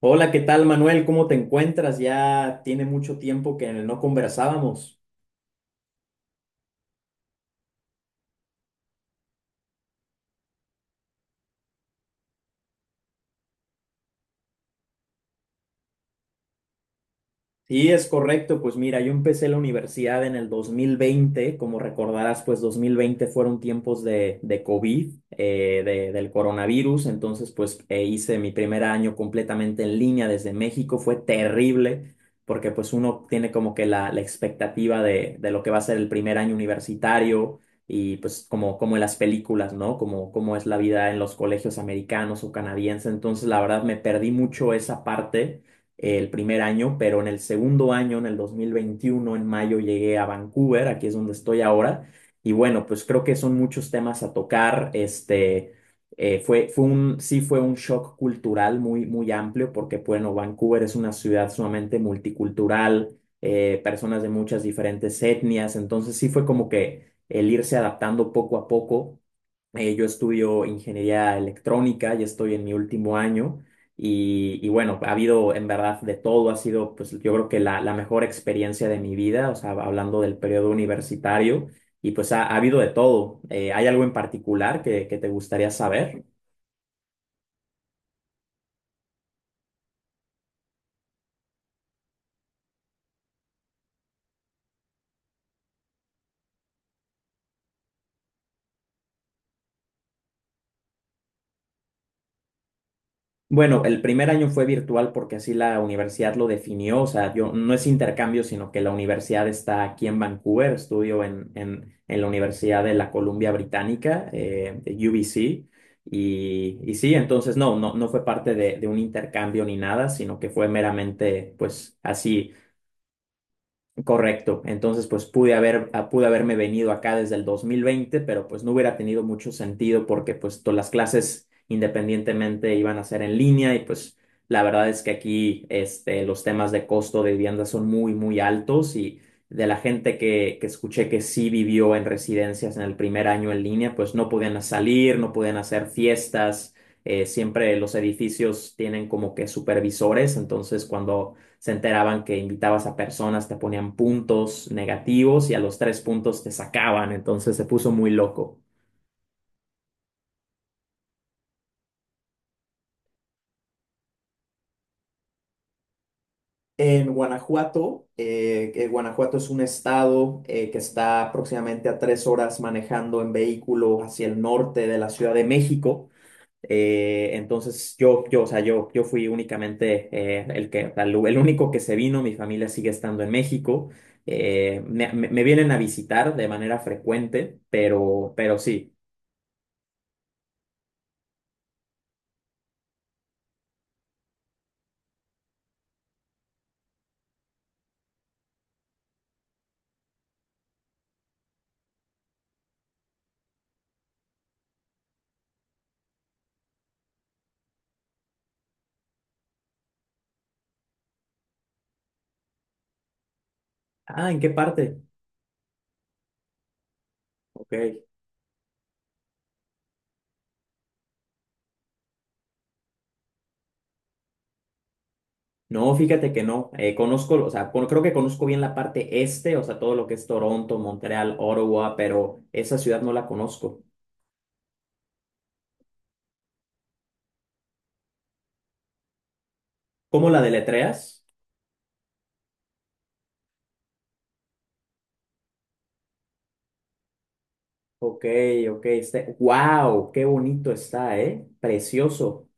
Hola, ¿qué tal, Manuel? ¿Cómo te encuentras? Ya tiene mucho tiempo que no conversábamos. Sí, es correcto. Pues mira, yo empecé la universidad en el dos mil veinte. Como recordarás, pues 2020 fueron tiempos de COVID, del coronavirus. Entonces, pues hice mi primer año completamente en línea desde México. Fue terrible porque pues uno tiene como que la expectativa de lo que va a ser el primer año universitario y pues como, como en las películas, ¿no? Como, como es la vida en los colegios americanos o canadienses. Entonces, la verdad, me perdí mucho esa parte el primer año, pero en el segundo año, en el 2021, en mayo, llegué a Vancouver, aquí es donde estoy ahora, y bueno, pues creo que son muchos temas a tocar, fue, sí fue un shock cultural muy, muy amplio, porque bueno, Vancouver es una ciudad sumamente multicultural, personas de muchas diferentes etnias, entonces sí fue como que el irse adaptando poco a poco. Yo estudio ingeniería electrónica, ya estoy en mi último año y bueno, ha habido en verdad de todo, ha sido pues yo creo que la mejor experiencia de mi vida, o sea, hablando del periodo universitario, y pues ha, ha habido de todo. ¿Hay algo en particular que te gustaría saber? Bueno, el primer año fue virtual porque así la universidad lo definió, o sea, yo no es intercambio, sino que la universidad está aquí en Vancouver, estudio en la Universidad de la Columbia Británica, de UBC, y sí, entonces no, no, no fue parte de un intercambio ni nada, sino que fue meramente, pues, así. Correcto. Entonces, pues pude haber, pude haberme venido acá desde el 2020, pero pues no hubiera tenido mucho sentido porque pues todas las clases independientemente iban a ser en línea y pues la verdad es que aquí los temas de costo de vivienda son muy, muy altos y de la gente que escuché que sí vivió en residencias en el primer año en línea, pues no podían salir, no podían hacer fiestas, siempre los edificios tienen como que supervisores, entonces cuando se enteraban que invitabas a personas, te ponían puntos negativos y a los tres puntos te sacaban, entonces se puso muy loco. En Guanajuato, Guanajuato es un estado que está aproximadamente a tres horas manejando en vehículo hacia el norte de la Ciudad de México. Entonces o sea, yo fui únicamente el único que se vino, mi familia sigue estando en México. Me vienen a visitar de manera frecuente, pero sí. Ah, ¿en qué parte? Ok. No, fíjate que no. Conozco, o sea, creo que conozco bien la parte este, o sea, todo lo que es Toronto, Montreal, Ottawa, pero esa ciudad no la conozco. ¿Cómo la deletreas? Ok, ok. Este, wow, qué bonito está, ¿eh? Precioso.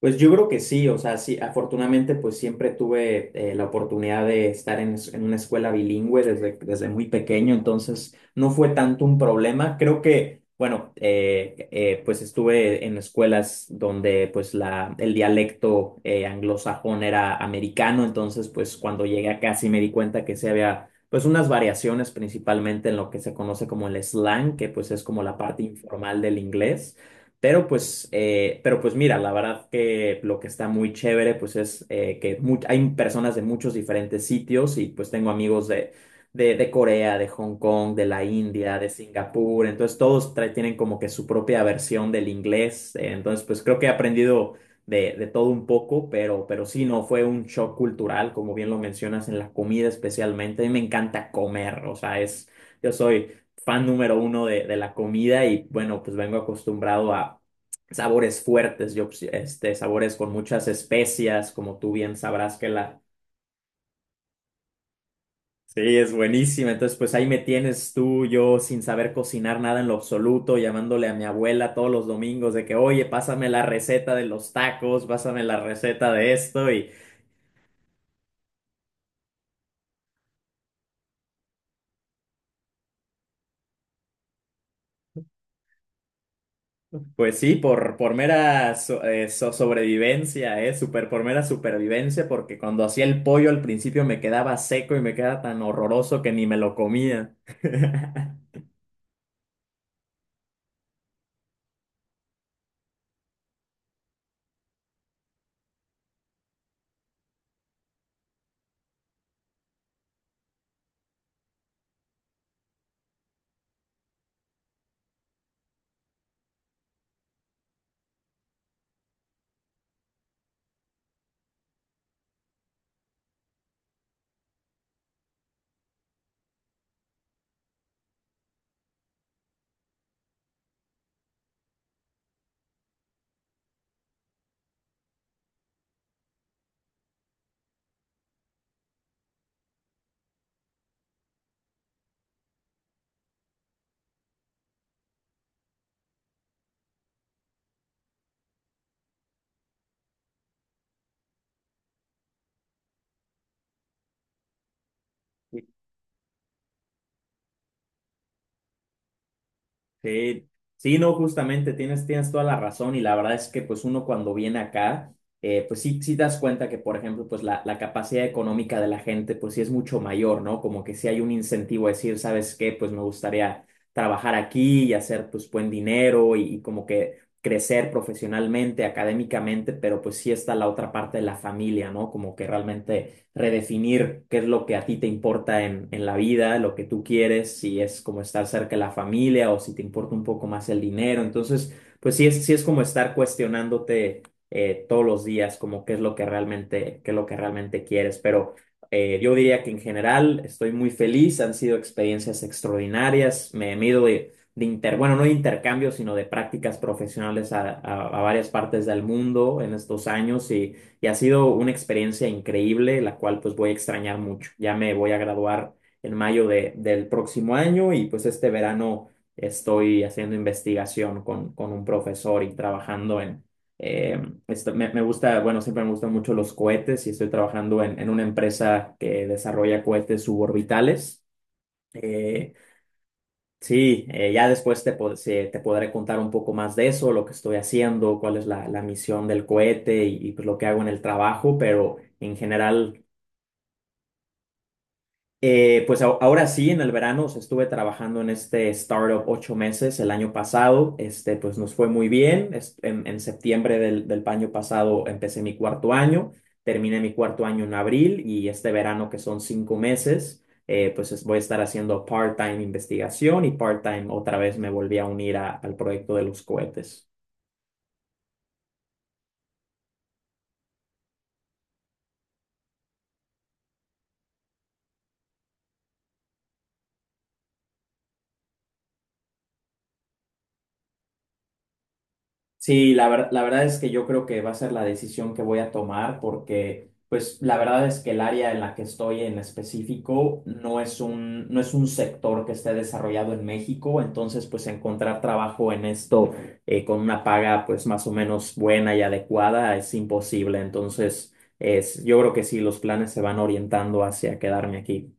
Pues yo creo que sí, o sea, sí, afortunadamente pues siempre tuve la oportunidad de estar en, en una escuela bilingüe desde, desde muy pequeño, entonces no fue tanto un problema. Creo que, bueno, pues estuve en escuelas donde pues el dialecto anglosajón era americano, entonces pues cuando llegué acá sí me di cuenta que se había pues unas variaciones principalmente en lo que se conoce como el slang, que pues es como la parte informal del inglés. Pero pues mira, la verdad que lo que está muy chévere pues es que hay personas de muchos diferentes sitios y pues tengo amigos de, de Corea, de Hong Kong, de la India, de Singapur, entonces todos tienen como que su propia versión del inglés, entonces pues creo que he aprendido de todo un poco, pero sí, no, fue un shock cultural, como bien lo mencionas, en la comida especialmente, a mí me encanta comer, o sea, es... Yo soy, fan número uno de la comida y bueno, pues vengo acostumbrado a sabores fuertes, yo pues, este, sabores con muchas especias, como tú bien sabrás que la... Sí, es buenísima. Entonces, pues ahí me tienes tú, yo sin saber cocinar nada en lo absoluto, llamándole a mi abuela todos los domingos de que, oye, pásame la receta de los tacos, pásame la receta de esto y pues sí, por mera sobrevivencia, ¿eh? Super, por mera supervivencia, porque cuando hacía el pollo al principio me quedaba seco y me quedaba tan horroroso que ni me lo comía. Sí, sí, no, justamente tienes, tienes toda la razón y la verdad es que pues uno cuando viene acá, pues sí, sí das cuenta que por ejemplo pues la capacidad económica de la gente pues sí es mucho mayor, ¿no? Como que sí hay un incentivo a decir, ¿sabes qué? Pues me gustaría trabajar aquí y hacer pues buen dinero y como que crecer profesionalmente, académicamente, pero pues sí está la otra parte de la familia, ¿no? Como que realmente redefinir qué es lo que a ti te importa en la vida, lo que tú quieres, si es como estar cerca de la familia o si te importa un poco más el dinero. Entonces, pues sí es como estar cuestionándote todos los días, como qué es lo que realmente, qué es lo que realmente quieres. Pero yo diría que en general estoy muy feliz, han sido experiencias extraordinarias, me he ido de, bueno, no de intercambio, sino de prácticas profesionales a, a varias partes del mundo en estos años y ha sido una experiencia increíble, la cual pues voy a extrañar mucho. Ya me voy a graduar en mayo del próximo año y pues este verano estoy haciendo investigación con un profesor y trabajando en... eh, me, me gusta, bueno, siempre me gustan mucho los cohetes y estoy trabajando en una empresa que desarrolla cohetes suborbitales. Eh, Sí, ya después te podré contar un poco más de eso, lo que estoy haciendo, cuál es la misión del cohete y, pues lo que hago en el trabajo, pero en general pues ahora sí, en el verano, o sea, estuve trabajando en este startup ocho meses el año pasado, este, pues nos fue muy bien. En septiembre del año pasado empecé mi cuarto año, terminé mi cuarto año en abril y este verano, que son cinco meses, pues voy a estar haciendo part-time investigación y part-time otra vez me volví a unir al proyecto de los cohetes. Sí, la verdad es que yo creo que va a ser la decisión que voy a tomar porque, pues, la verdad es que el área en la que estoy en específico no es un, no es un sector que esté desarrollado en México, entonces, pues, encontrar trabajo en esto con una paga, pues, más o menos buena y adecuada es imposible. Entonces, es, yo creo que sí, los planes se van orientando hacia quedarme aquí.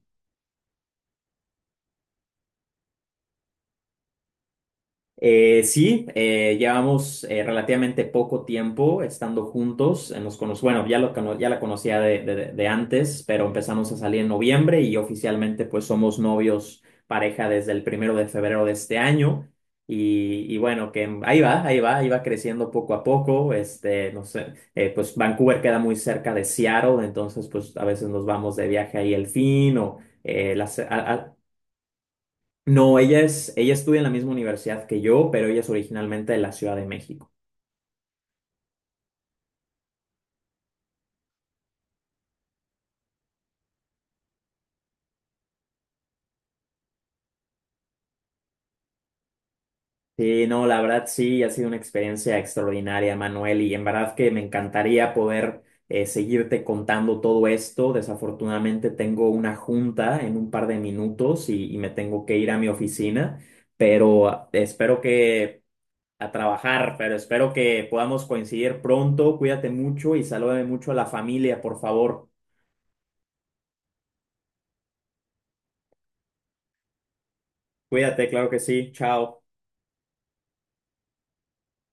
Sí, llevamos relativamente poco tiempo estando juntos. Bueno, ya, ya la conocía de, de antes, pero empezamos a salir en noviembre y oficialmente pues somos novios pareja desde el primero de febrero de este año. Y bueno, que ahí va, ahí va, ahí va creciendo poco a poco. Este, no sé, pues Vancouver queda muy cerca de Seattle, entonces pues a veces nos vamos de viaje ahí el fin o eh, las- a- a- no, ella es, ella estudia en la misma universidad que yo, pero ella es originalmente de la Ciudad de México. Sí, no, la verdad sí, ha sido una experiencia extraordinaria, Manuel, y en verdad que me encantaría poder seguirte contando todo esto. Desafortunadamente tengo una junta en un par de minutos y me tengo que ir a mi oficina, pero espero que a trabajar, pero espero que podamos coincidir pronto. Cuídate mucho y salúdame mucho a la familia, por favor. Cuídate, claro que sí. Chao.